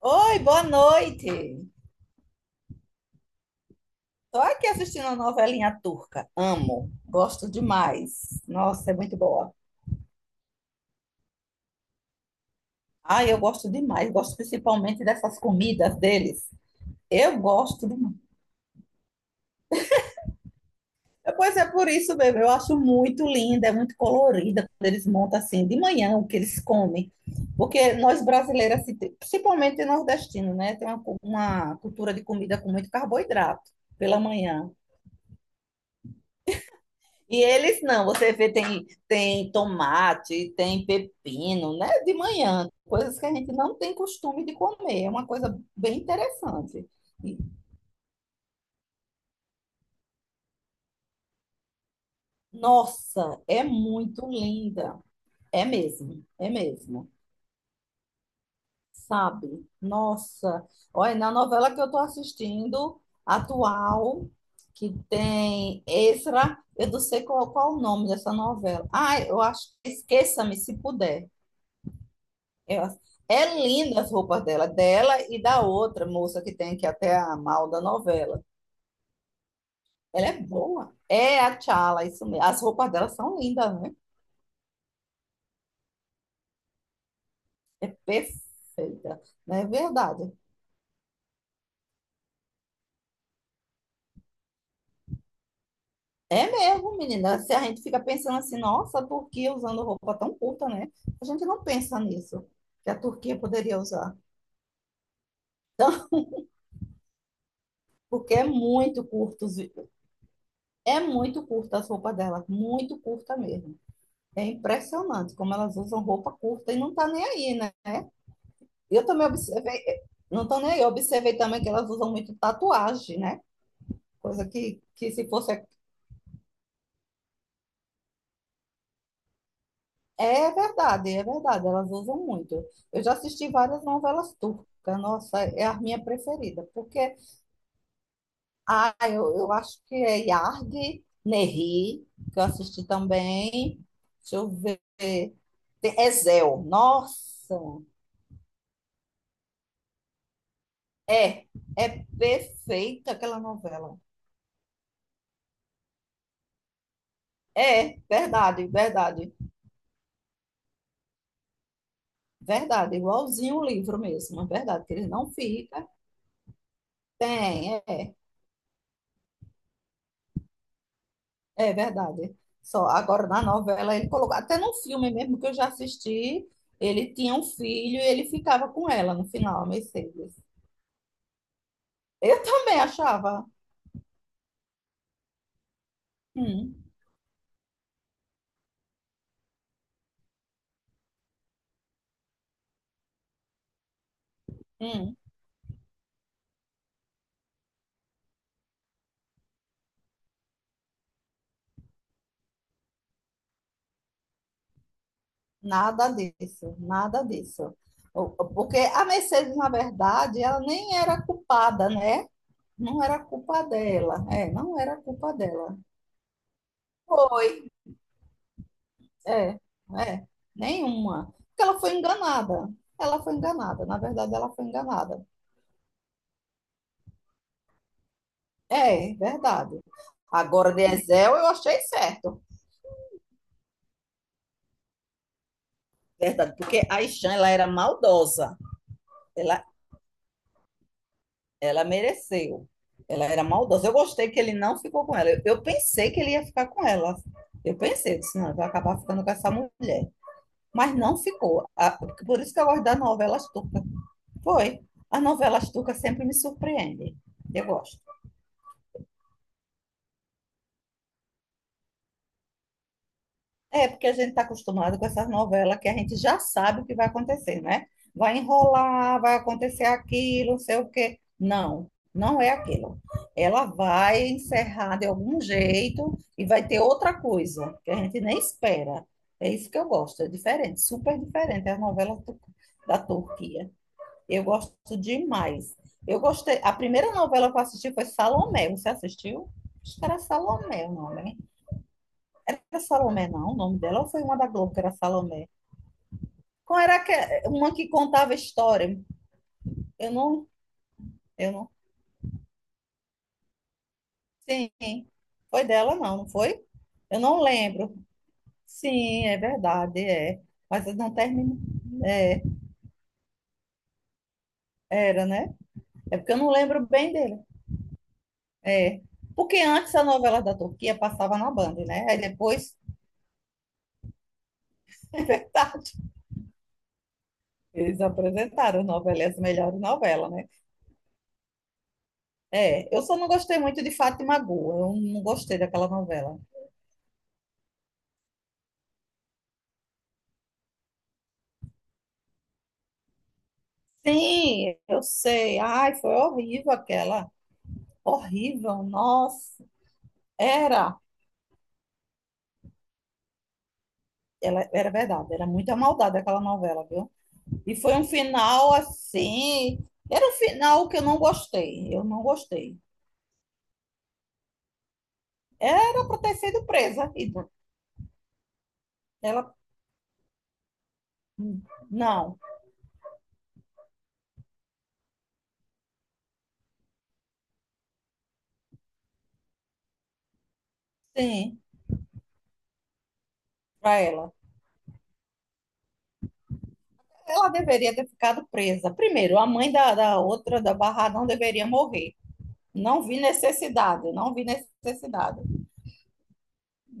Oi, boa noite. Tô aqui assistindo a novelinha turca. Amo, gosto demais. Nossa, é muito boa. Ai, eu gosto demais, gosto principalmente dessas comidas deles. Eu gosto demais. É, pois é por isso bebê. Eu acho muito linda, é muito colorida quando eles montam assim de manhã o que eles comem. Porque nós brasileiras, assim, principalmente nordestinos, né, tem uma, uma cultura de comida com muito carboidrato pela manhã. E eles não, você vê, tem tomate, tem pepino, né? De manhã, coisas que a gente não tem costume de comer. É uma coisa bem interessante. E, nossa, é muito linda. É mesmo, é mesmo. Sabe? Nossa. Olha, na novela que eu estou assistindo, atual, que tem extra eu não sei qual, qual o nome dessa novela. Ah, eu acho que Esqueça-me Se Puder. Eu- É linda as roupas dela, dela e da outra moça que tem aqui até a mal da novela. Ela é boa. É a Tchala, isso mesmo. As roupas dela são lindas, né? Perfeita. Não é verdade? É mesmo, menina. Se a gente fica pensando assim, nossa, a Turquia usando roupa tão curta, né? A gente não pensa nisso, que a Turquia poderia usar. Porque é muito curto, é muito curta as roupas dela, muito curta mesmo. É impressionante como elas usam roupa curta e não tá nem aí, né? Eu também observei, não estou nem eu observei também que elas usam muito tatuagem, né? Coisa que se fosse. É verdade, elas usam muito. Eu já assisti várias novelas turcas, nossa, é a minha preferida, porque ah, eu acho que é Yargi, Nehri, que eu assisti também. Deixa eu ver. Tem Ezel, nossa, é, é perfeita aquela novela. É, verdade, verdade. Verdade, igualzinho o livro mesmo, é verdade, que ele não fica. Tem, é, é verdade. Só agora na novela ele colocou, até no filme mesmo que eu já assisti, ele tinha um filho e ele ficava com ela no final, a Mercedes. Eu também achava, hum, hum, nada disso, nada disso. Porque a Mercedes, na verdade, ela nem era culpada, né? Não era culpa dela, é, não era culpa dela. Foi, é, é, nenhuma. Porque ela foi enganada. Ela foi enganada. Na verdade, ela foi enganada. É, verdade. Agora, de Ezel, eu achei certo. Verdade, porque a Ishan, ela era maldosa. Ela, ela mereceu. Ela era maldosa. Eu gostei que ele não ficou com ela. Eu pensei que ele ia ficar com ela. Eu pensei, disse, não, vai acabar ficando com essa mulher. Mas não ficou. A- Por isso que eu gosto das novelas turcas. Foi. As novelas turcas sempre me surpreendem. Eu gosto. É, porque a gente está acostumado com essas novelas que a gente já sabe o que vai acontecer, né? Vai enrolar, vai acontecer aquilo, não sei o quê. Não, não é aquilo. Ela vai encerrar de algum jeito e vai ter outra coisa que a gente nem espera. É isso que eu gosto, é diferente, super diferente as novelas da Turquia. Eu gosto demais. Eu gostei. A primeira novela que eu assisti foi Salomé. Você assistiu? Acho que era Salomé o nome. Era Salomé, não, o nome dela, ou foi uma da Globo que era Salomé? Qual era que, uma que contava história? Eu não, eu não. Sim, foi dela, não, não foi? Eu não lembro. Sim, é verdade, é. Mas eu não termino. É, era, né? É porque eu não lembro bem dele. É. Porque antes a novela da Turquia passava na Band, né? Aí depois, é verdade, eles apresentaram novela, as melhores novelas, né? É, eu só não gostei muito de Fátima Gol, eu não gostei daquela novela. Sim, eu sei. Ai, foi horrível aquela. Horrível, nossa. Era, ela, era verdade, era muita maldade aquela novela, viu? E foi um final assim. Era um final que eu não gostei. Eu não gostei. Era para ter sido presa. E ela. Não, sim, para ela. Ela deveria ter ficado presa. Primeiro, a mãe da, da outra, da Barra, não deveria morrer. Não vi necessidade, não vi necessidade.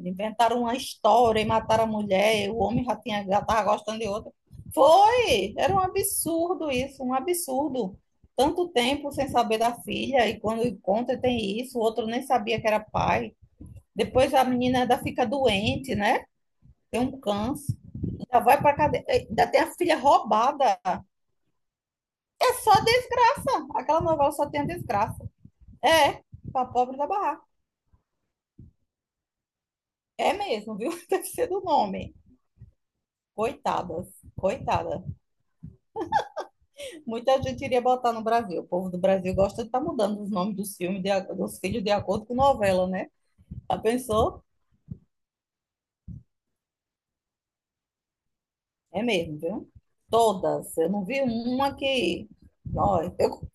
Inventaram uma história e mataram a mulher, o homem já tinha, já estava gostando de outra. Foi! Era um absurdo isso, um absurdo. Tanto tempo sem saber da filha, e quando encontra tem isso, o outro nem sabia que era pai. Depois a menina ainda fica doente, né? Tem um câncer, ainda vai para cadeia, ainda tem a filha roubada. É só desgraça. Aquela novela só tem a desgraça. É, para pobre da barraca. É mesmo, viu? Deve ser do nome. Coitadas, coitadas. Muita gente iria botar no Brasil. O povo do Brasil gosta de estar mudando os nomes dos filmes, de dos filhos, de acordo com novela, né? Já pensou? É mesmo, viu? Todas. Eu não vi uma que. Não, eu...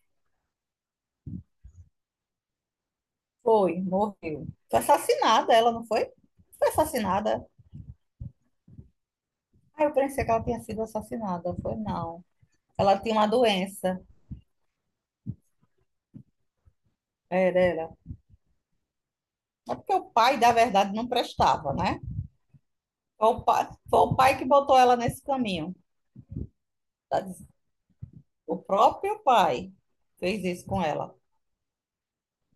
Foi, morreu. Foi assassinada, ela não foi? Foi assassinada. Ah, eu pensei que ela tinha sido assassinada. Foi não. Ela tinha uma doença. Era, era. É porque o pai, da verdade, não prestava, né? Foi o pai que botou ela nesse caminho. Tá? O próprio pai fez isso com ela.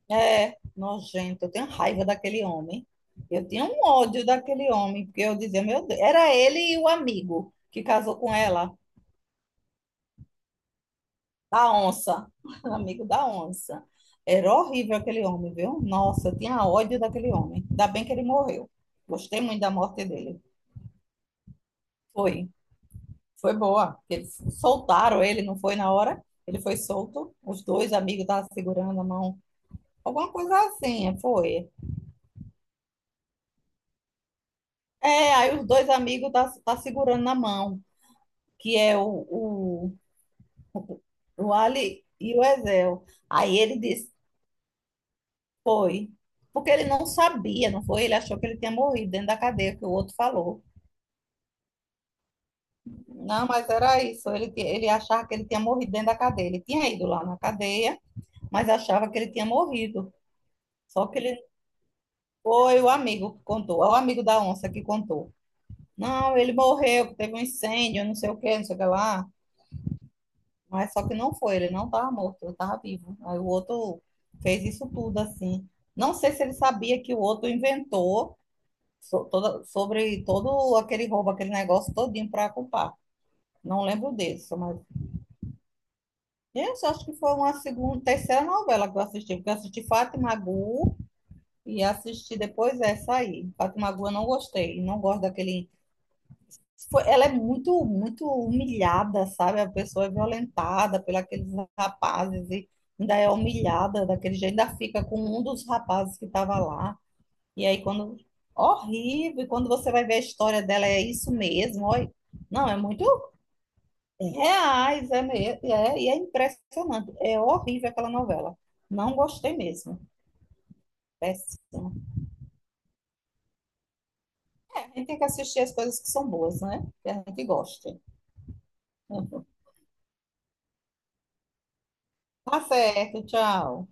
É, nojento. Eu tenho raiva daquele homem. Eu tinha um ódio daquele homem, porque eu dizia, meu Deus, era ele e o amigo que casou com ela, da onça, amigo da onça. Era horrível aquele homem, viu? Nossa, eu tinha ódio daquele homem. Ainda bem que ele morreu. Gostei muito da morte dele. Foi, foi boa. Eles soltaram ele, não foi na hora? Ele foi solto. Os dois amigos estavam segurando a mão. Alguma coisa assim, foi. É, aí os dois amigos tá segurando na mão. Que é o Ali e o Ezel. Aí ele disse, foi. Porque ele não sabia, não foi? Ele achou que ele tinha morrido dentro da cadeia, que o outro falou. Não, mas era isso. Ele achava que ele tinha morrido dentro da cadeia. Ele tinha ido lá na cadeia, mas achava que ele tinha morrido. Só que ele foi o amigo que contou, é o amigo da onça que contou. Não, ele morreu, que teve um incêndio, não sei o quê, não sei o que lá. Mas só que não foi, ele não estava morto, ele estava vivo. Aí o outro fez isso tudo assim. Não sei se ele sabia que o outro inventou sobre todo aquele roubo, aquele negócio todinho para culpar. Não lembro disso, mas eu só acho que foi uma segunda, terceira novela que eu assisti, porque eu assisti Fátima Gu e assisti depois essa aí. Fátima Gu eu não gostei, não gosto daquele ela é muito, muito humilhada, sabe? A pessoa é violentada pelos aqueles rapazes e ainda é humilhada daquele jeito, ainda fica com um dos rapazes que estava lá. E aí, quando. Horrível, e quando você vai ver a história dela, é isso mesmo. Olha, não, é muito reais, é mesmo. É, e é impressionante. É horrível aquela novela. Não gostei mesmo. Péssimo. A gente tem que assistir as coisas que são boas, né? Que a gente gosta. Tá certo, tchau.